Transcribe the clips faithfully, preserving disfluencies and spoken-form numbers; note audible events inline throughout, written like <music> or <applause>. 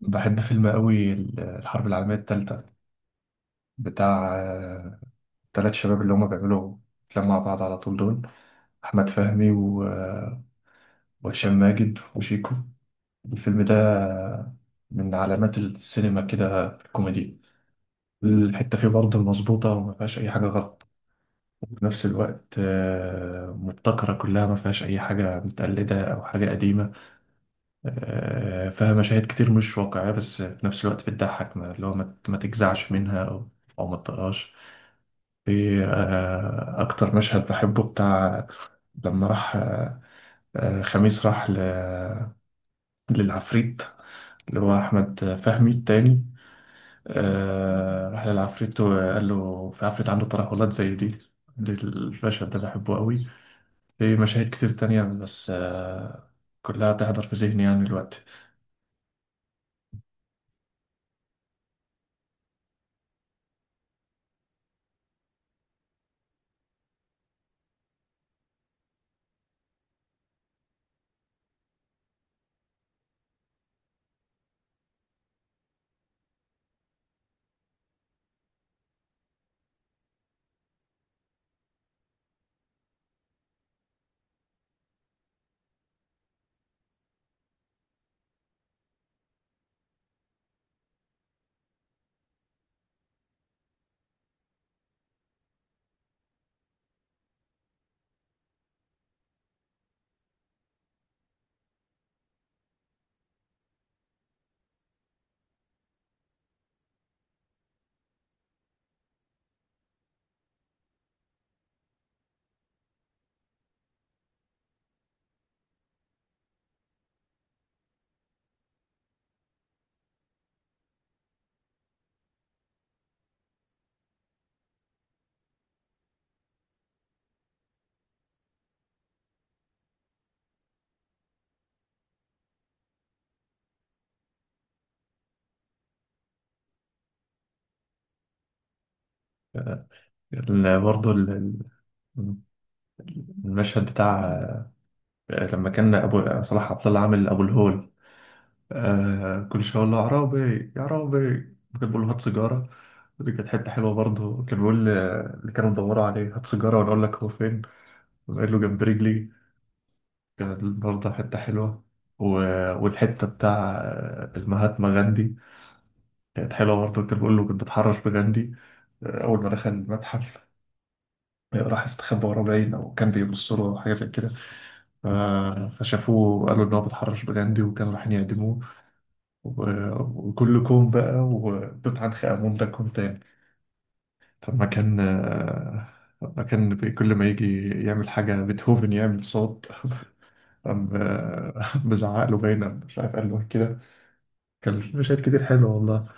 بحب فيلم قوي ال- الحرب العالمية التالتة بتاع آه، التلات شباب اللي هما بيعملوا أفلام مع بعض على طول دول أحمد فهمي و- آه، وهشام ماجد وشيكو. الفيلم ده آه، من علامات السينما كده في الكوميدي. الحتة فيه برضه مظبوطة وما فيهاش أي حاجة غلط، وفي نفس الوقت آه، مبتكرة كلها، ما فيهاش أي حاجة متقلدة أو حاجة قديمة. آه، فيها مشاهد كتير مش واقعية، بس في نفس الوقت بتضحك، ما- اللي هو ما ما تجزعش منها أو أو ما تطقهاش. في آه، أكتر مشهد بحبه بتاع لما راح آه، آه، خميس راح ل- للعفريت اللي هو أحمد فهمي التاني. آه، راح للعفريت وقال له في عفريت عنده ترهلات زي دي. المشهد ده بحبه قوي. في مشاهد كتير تانية بس آه، كلها تحضر في ذهني يعني دلوقتي. ال- برضه المشهد بتاع لما كان ابو صلاح عبد الله عامل ابو الهول، آه كل شويه يقول له يا عرابي يا عرابي، كان بيقول له هات سيجاره. دي كانت حته حلوه برضه، كان بيقول ل- اللي كانوا بيدوروا عليه هات سيجاره وانا اقول لك هو فين، قال له جنب رجلي. كانت برضه حته حلوه. و... والحته بتاع آه، المهاتما غاندي كانت حلوه برضه، كان بيقول له كنت بتحرش بغاندي. آه، اول ما دخل المتحف، آه، راح استخبى وراه باين او كان بيبص له حاجه زي كده، فشافوه وقالوا إن هو بيتحرش بغاندي وكانوا رايحين يعدموه. و- وكلكم بقى. وتوت عنخ آمون ده كون تاني، لما كان آه، لما كان بي- كل ما يجي يعمل حاجة بيتهوفن يعمل صوت <laughs> قام آه، بزعق له باينة مش عارف قال له إيه كده. كان في مشاهد كتير حلوة والله.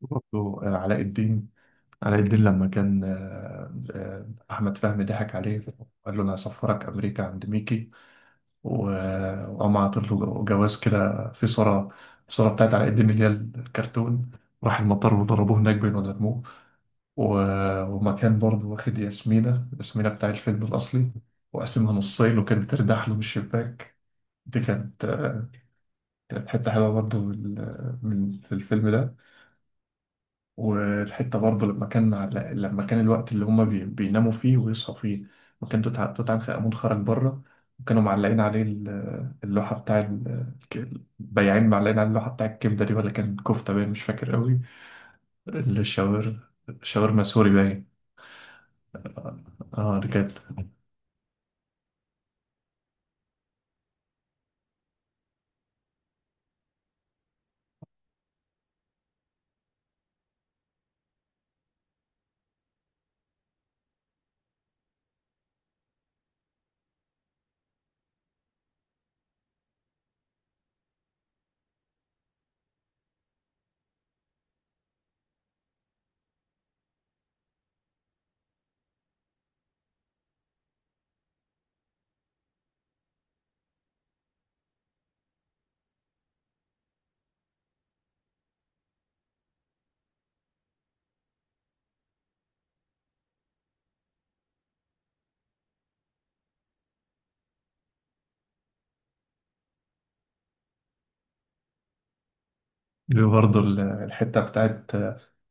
برضه آه، علاء الدين. علاء الدين لما كان آه، آه، أحمد فهمي ضحك عليه، قال له أنا هسفرك أمريكا عند ميكي، و- وقام عاطل له جواز كده في صورة، الصورة بتاعت على قد ما هي الكرتون. راح المطار وضربوه هناك بين ولا رموه. و- ومكان برضه واخد ياسمينة، ياسمينة بتاع الفيلم الأصلي وقسمها نصين وكانت بتردح له من الشباك. دي كانت، كانت حتة حلوة برضه من من- في الفيلم ده. والحتة برضه لما كان على- لما كان الوقت اللي هما بي- بيناموا فيه ويصحوا فيه، وكان توت توت عنخ آمون خرج بره، وكانوا معلقين عليه ال- اللوحة بتاع ال- الك- البياعين، معلقين على اللوحة بتاع الكبدة دي، ولا كان كفتة باين مش فاكر قوي. الشاور شاورما سوري باين. اه. آه، دي كانت برضه ال- الحتة بتاعت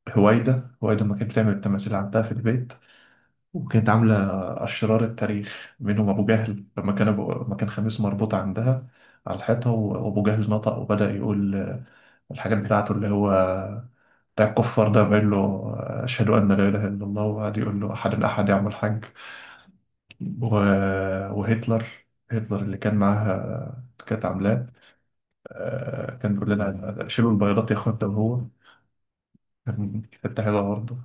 هوايدا. هوايدا ما كانت بتعمل التماثيل عندها في البيت، وكانت عاملة أشرار التاريخ منهم أبو جهل. لما كان أبو... لما كان خميس مربوط عندها على الحيطة، و- وأبو جهل نطق وبدأ يقول آه، الحاجات بتاعته اللي هو بتاع الكفار ده، بيقول له آه، أشهد أن لا إله إلا الله، وقعد يقول له أحد أحد يعمل حج. و... وهتلر، هتلر اللي كان معاها، اللي كانت عاملاه، آه، كان بيقول لنا شيلوا البيضات يا اخوات ده. وهو كان، كانت حلوة برضه.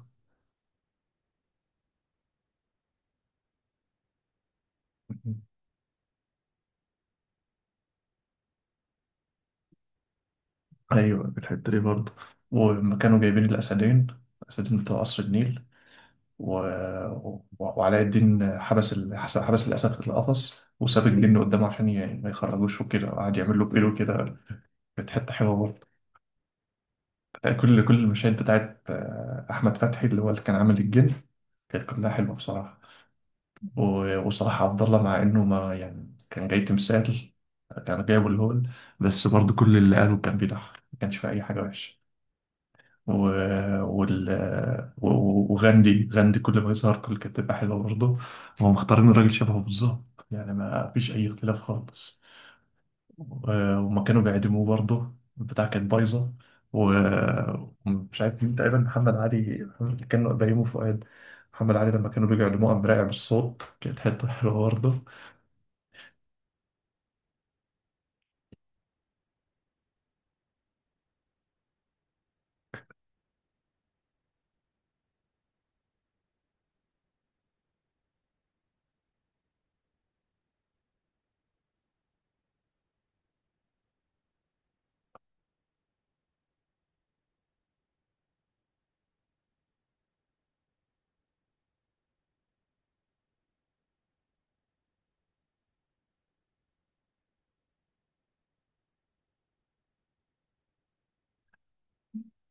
ايوه، بالحته دي برضه، ولما كانوا جايبين الاسدين، الاسدين بتوع قصر النيل، و... و... وعلاء الدين حبس ال... حس- حبس الاسد في القفص وساب الجن قدامه عشان ي... ما يخرجوش وكده، وقعد يعمل له بإيده كده. كانت حته حلوه برضه. كل كل المشاهد بتاعت آه، احمد فتحي اللي هو اللي كان عامل الجن كانت كلها حلوه بصراحه. و... وصراحه عبد الله، مع انه ما يعني كان جاي تمثال، كان جايبه الهول، بس برضه كل اللي قاله كان بيضحك ما كانش في اي حاجه وحشه. و... وال... و... و- وغاندي، غاندي كل ما يظهر كل كانت تبقى حلوة برضه. هم مختارين راجل شبهه بالظبط يعني ما فيش أي اختلاف خالص. و... وما كانوا بيعدموه برضه البتاع كانت بايظة. و- ومش عارف مين تقريبا، محمد علي، محمد كانوا بيومي فؤاد. محمد علي لما كانوا بيجوا يعلموه قام راجع بالصوت، كانت حتة حلوة برضه.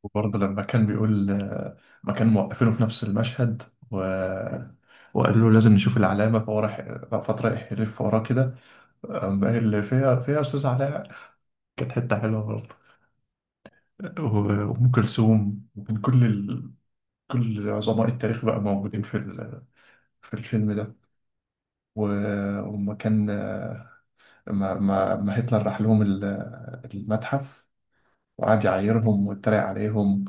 وبرضه لما كان بيقول، ما كانوا موقفينه في نفس المشهد، و... وقال له لازم نشوف العلامة، فهو راح فترة يلف وراه كده، أما اللي فيها فيها أستاذ علاء. كانت حتة حلوة برضه. و- وأم كلثوم، وكان كل ال... كل عظماء التاريخ بقى موجودين في ال... في الفيلم ده. و... وما كان، ما... ما... ما هتلر راح لهم ال- المتحف وقعد يعايرهم ويتريق عليهم،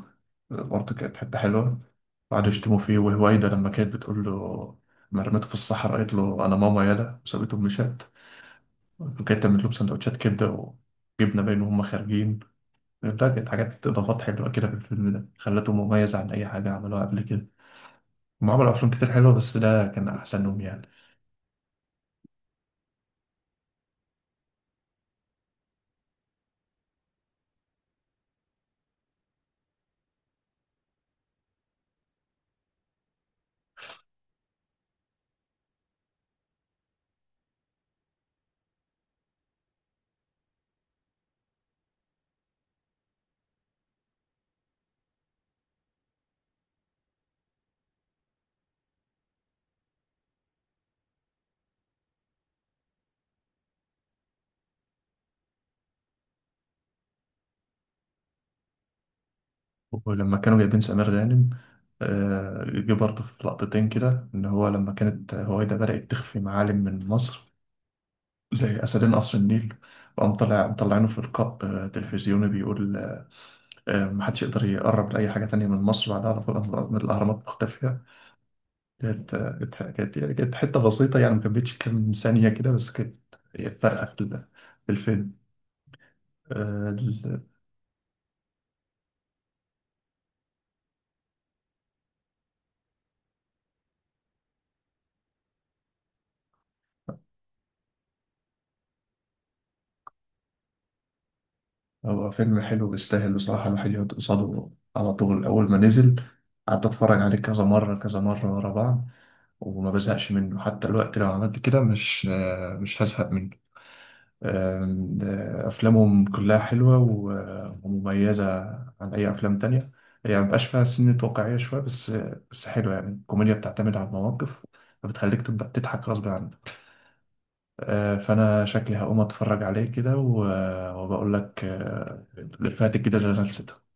برضه كانت حتة حلوة. وقعدوا يشتموا فيه، وهوايدا لما كانت بتقول له ما رميته في الصحراء، قالت له أنا ماما يالا وسابته مشات. وكانت تعمل لهم سندوتشات كبدة وجبنة باين وهم خارجين. ده كانت حاجات إضافات حلوة كده في الفيلم ده، خلته مميز عن أي حاجة عملوها قبل كده. هم عملوا أفلام كتير حلوة بس ده كان أحسنهم يعني. ولما كانوا جايبين سمير غانم، آه، جه برضه في لقطتين كده، إن هو لما كانت هويدا بدأت تخفي معالم من مصر زي أسدين قصر النيل، وقام طلع مطلعينه في لقاء آه، تلفزيوني بيقول آه، آه، محدش يقدر يقرب لأي حاجة تانية من مصر بعدها على طول، أهرامات مختفية. كانت كانت كانت كانت حتة بسيطة يعني ما كملتش كام ثانية كده، بس كانت هي فارقة في ال- في الفيلم. آه، ال- هو فيلم حلو بيستاهل بصراحة الواحد يقعد قصاده. على طول أول ما نزل قعدت أتفرج عليه كذا مرة كذا مرة ورا بعض، وما بزهقش منه. حتى الوقت لو عملت كده مش آه، مش هزهق منه. آم، آه، أفلامهم كلها حلوة و- ومميزة عن أي أفلام تانية. هي يعني مبقاش فيها سنة واقعية شوية بس، بس حلوة. يعني الكوميديا بتعتمد على المواقف فبتخليك تبقى تضحك غصب عنك. آه، فأنا شكلي هقوم أتفرج عليه كده و- وبقول لك آه، الإفيهات الجديدة اللي أنا نسيتها.